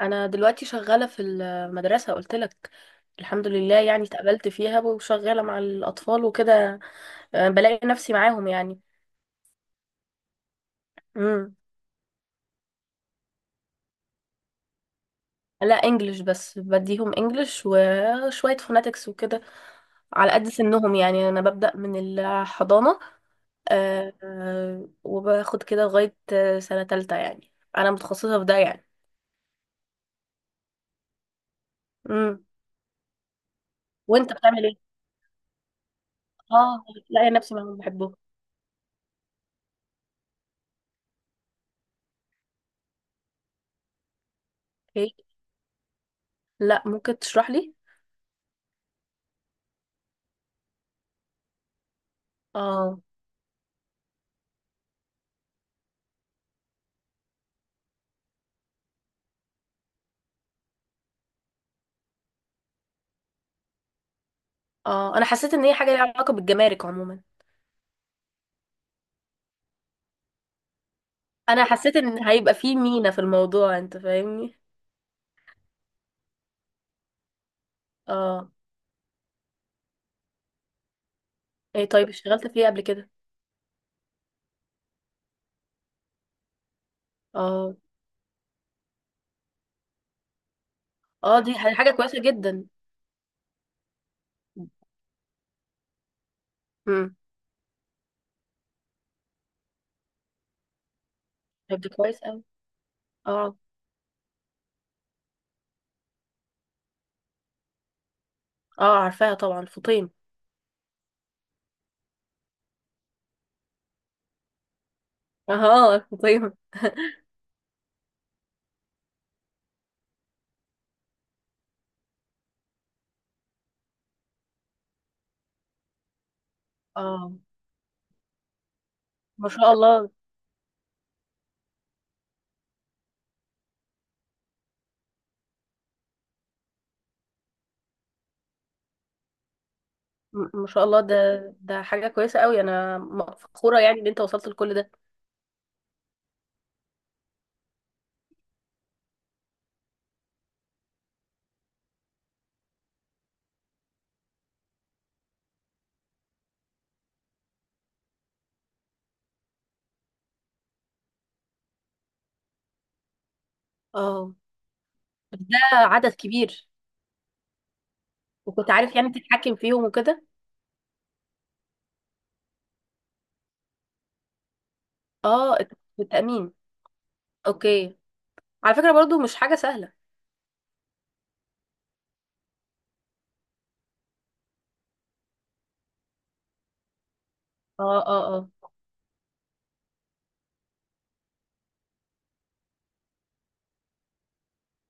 انا دلوقتي شغاله في المدرسه، قلت لك. الحمد لله، يعني اتقبلت فيها وشغاله مع الاطفال وكده. آه، بلاقي نفسي معاهم يعني. امم لا، انجلش بس، بديهم انجلش وشويه فوناتكس وكده، على قد سنهم يعني. انا ببدا من الحضانه وباخد كده لغايه سنه تالتة يعني، انا متخصصه في ده يعني. امم. وانت بتعمل ايه؟ اه، لاقي نفسي معاهم بحبهم. اوكي، لا، ممكن تشرح لي؟ اه. اه، انا حسيت ان هي حاجه ليها علاقه بالجمارك عموما. انا حسيت ان هيبقى في مينا في الموضوع، انت فاهمني؟ اه. ايه طيب، اشتغلت في ايه قبل كده؟ اه. اه، دي حاجه كويسه جدا. امم. طيب، دي كويس قوي. اه. اه، عارفاها طبعا، فطيم. اه، فطيم. اه. ما شاء الله. ما شاء الله ده. ده حاجه كويسه قوي، انا فخوره يعني ان انت وصلت لكل ده. اه، بس ده عدد كبير. وكنت عارف يعني تتحكم فيهم وكده؟ اه، التأمين. اوكي. على فكرة، برضو مش حاجة سهلة. اه، اه، اه،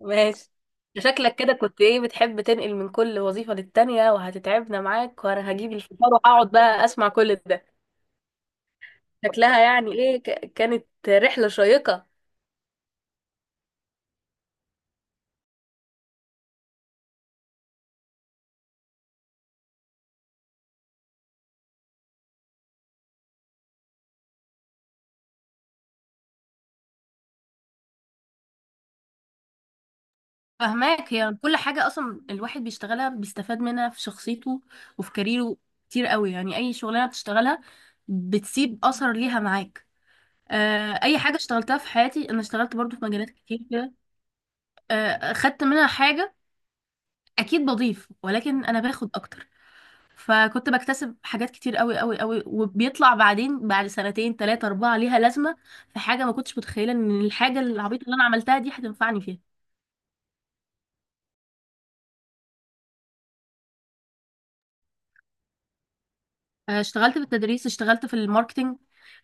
ماشي. شكلك كده كنت ايه، بتحب تنقل من كل وظيفة للتانية، وهتتعبنا معاك وانا هجيب الفطار وهقعد بقى اسمع كل ده. شكلها يعني ايه، كانت رحلة شيقة. فهماك، هي كل حاجة أصلا الواحد بيشتغلها بيستفاد منها في شخصيته وفي كاريره. كتير قوي يعني، أي شغلانة بتشتغلها بتسيب أثر ليها معاك. آه، أي حاجة اشتغلتها في حياتي، أنا اشتغلت برضو في مجالات كتير كده. آه، خدت منها حاجة. اكيد بضيف، ولكن انا باخد اكتر. فكنت بكتسب حاجات كتير قوي قوي قوي، وبيطلع بعدين بعد سنتين تلاتة اربعة ليها لازمة. في حاجة ما كنتش متخيلة ان الحاجة العبيطة اللي انا عملتها دي هتنفعني فيها. آه، اشتغلت في التدريس، اشتغلت في الماركتينج،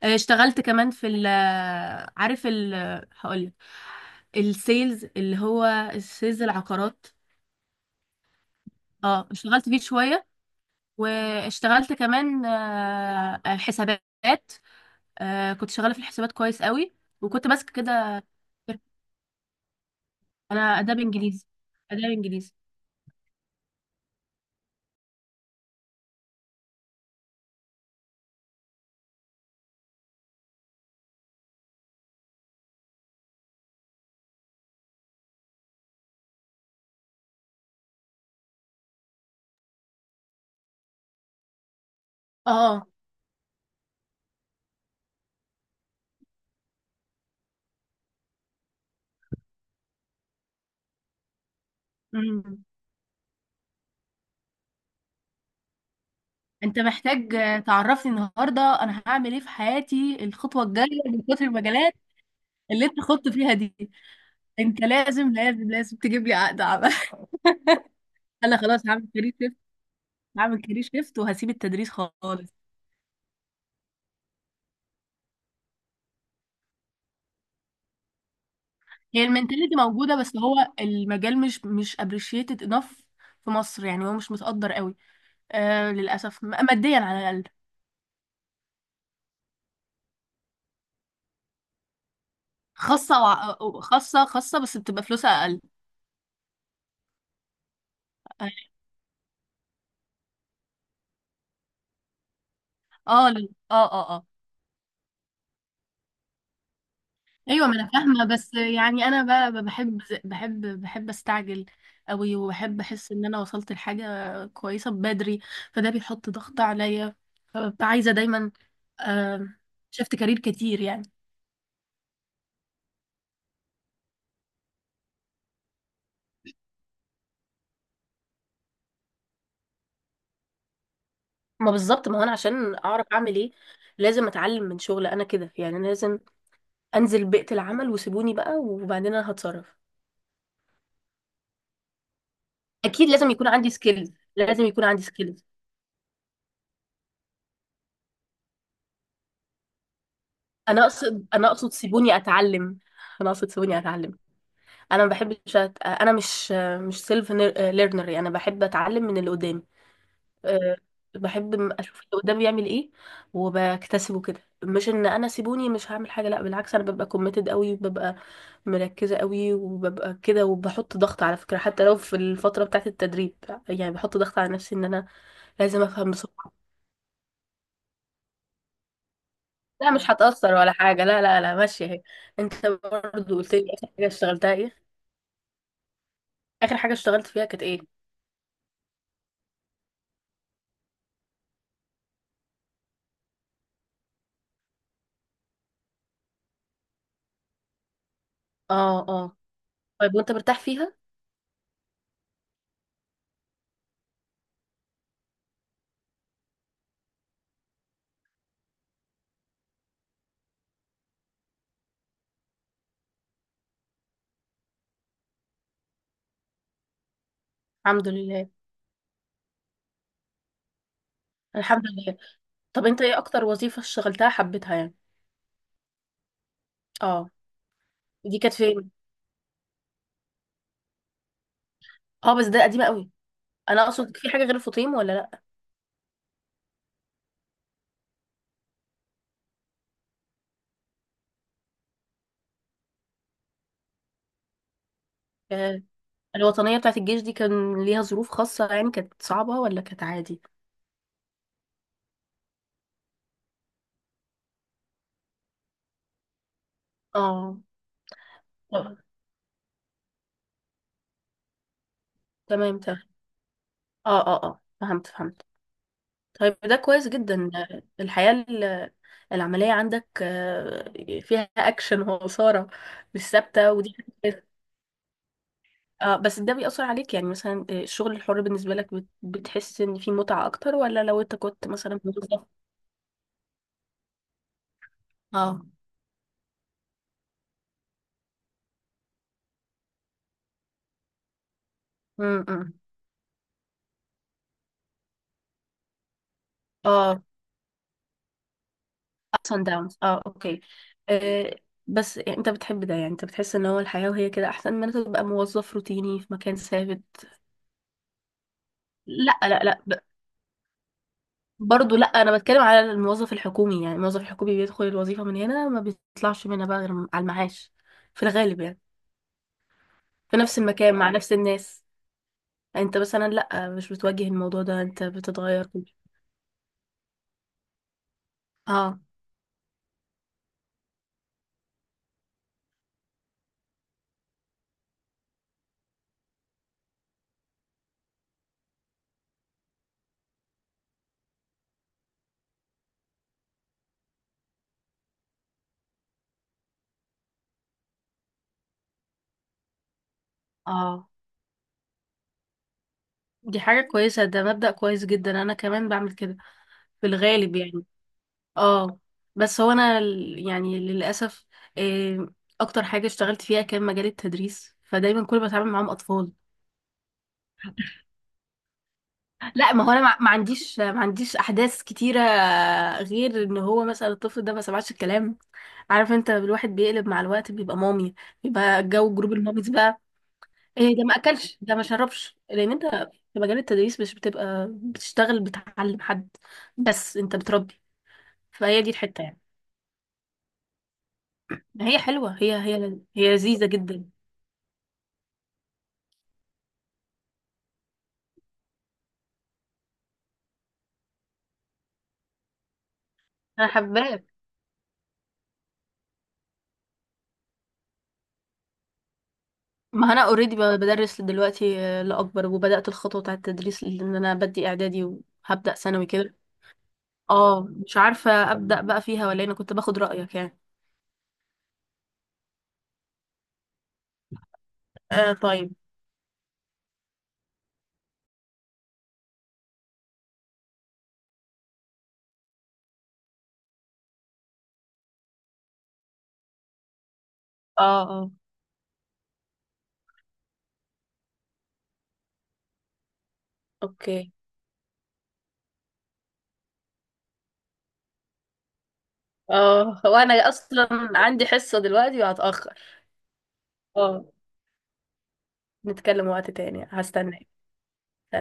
اشتغلت كمان في ال، عارف ال، هقولك، السيلز اللي هو السيلز العقارات. اه، اشتغلت فيه شوية. واشتغلت كمان حسابات. آه، كنت شغاله في الحسابات كويس قوي، وكنت ماسكه كده. انا اداب انجليزي، اداب انجليزي. اه، امم. انت محتاج تعرفني النهارده انا هعمل ايه في حياتي، الخطوه الجايه، من كتر المجالات اللي انت خدت فيها دي. انت لازم لازم لازم تجيب لي عقد عمل. انا خلاص هعمل كارير شيفت. هعمل كارير شيفت وهسيب التدريس خالص. هي المنتاليتي موجوده، بس هو المجال مش appreciated enough في مصر، يعني هو مش متقدر قوي. آه، للاسف ماديا على الاقل. خاصة وع... خاصة، خاصة، بس بتبقى فلوسها أقل. اه، اه، اه، اه. ايوه، ما انا فاهمه، بس يعني انا بقى بحب استعجل قوي، وبحب احس ان انا وصلت لحاجه كويسه بدري، فده بيحط ضغط عليا، فببقى عايزه دايما. آم، شفت كارير كتير يعني. ما بالظبط، ما هو انا عشان اعرف اعمل ايه لازم اتعلم من شغل، انا كده يعني، أنا لازم انزل بيئه العمل وسيبوني بقى، وبعدين انا هتصرف. اكيد لازم يكون عندي سكيلز، لازم يكون عندي سكيلز. انا اقصد انا اقصد سيبوني اتعلم انا اقصد سيبوني اتعلم. انا ما بحبش انا مش سيلف ليرنر، انا بحب اتعلم من اللي قدامي. أه، بحب اشوف اللي قدامي بيعمل ايه وبكتسبه كده، مش ان انا سيبوني مش هعمل حاجه، لا بالعكس، انا ببقى كوميتد قوي وببقى مركزه قوي وببقى كده، وبحط ضغط على فكره حتى لو في الفتره بتاعه التدريب، يعني بحط ضغط على نفسي ان انا لازم افهم بسرعه. لا، مش هتأثر ولا حاجة، لا، لا، لا، ماشية اهي. انت برضو قلت لي، اخر حاجة اشتغلتها ايه؟ اخر حاجه اشتغلت فيها كانت ايه؟ اه، اه، طيب، وانت مرتاح فيها؟ الحمد لله. الحمد لله. طب انت ايه اكتر وظيفه اشتغلتها حبيتها يعني؟ اه، دي كانت فين؟ اه، بس ده قديمه قوي. انا اقصد في حاجه غير الفطيم، ولا لا؟ آه. الوطنيه بتاعت الجيش دي كان ليها ظروف خاصه يعني، كانت صعبه ولا كانت عادي؟ اه. آه. تمام، تمام. اه، اه، اه، فهمت، فهمت. طيب ده كويس جدا، الحياه العمليه عندك فيها اكشن وإثارة، مش ثابته ودي. اه، بس ده بيأثر عليك يعني، مثلا الشغل الحر بالنسبة لك بتحس ان فيه متعة اكتر، ولا لو انت كنت مثلا موظف؟ اه. امم. اه. ups and downs. اه، اوكي. آه، بس يعني انت بتحب ده يعني، انت بتحس ان هو الحياة وهي كده احسن من انت تبقى موظف روتيني في مكان ثابت؟ لا، لا، لا، برضو لا، انا بتكلم على الموظف الحكومي، يعني الموظف الحكومي بيدخل الوظيفة من هنا، ما بيطلعش منها بقى غير على المعاش، في الغالب يعني، في نفس المكان مع نفس الناس. انت مثلا لا، مش بتواجه الموضوع ده، انت بتتغير كده. اه، اه، دي حاجة كويسة، ده مبدأ كويس جدا، انا كمان بعمل كده في الغالب يعني. اه، بس هو انا يعني للأسف، إيه، اكتر حاجة اشتغلت فيها كان مجال التدريس، فدايما كل ما بتعامل معاهم اطفال. لا، ما هو انا ما عنديش احداث كتيرة، غير ان هو مثلا الطفل ده ما سمعش الكلام. عارف انت، الواحد بيقلب مع الوقت بيبقى مامي، بيبقى جو جروب الماميز بقى. إيه، ده ما اكلش، ده ما شربش، لان انت في مجال التدريس مش بتبقى بتشتغل بتعلم حد، بس انت بتربي. فهي دي الحته يعني. هي حلوه، هي لذيذه جدا. انا حباك. ما انا اوريدي بدرس دلوقتي لاكبر، وبدات الخطوه بتاعه التدريس لان انا بدي اعدادي وهبدا ثانوي كده. اه، مش عارفه ابدا بقى فيها ولا إيه، انا كنت باخد رايك يعني. آه، طيب. اه، اه، اوكي. اه، هو انا اصلا عندي حصه دلوقتي وهتاخر. اه، نتكلم وقت تاني، هستناك. سلام.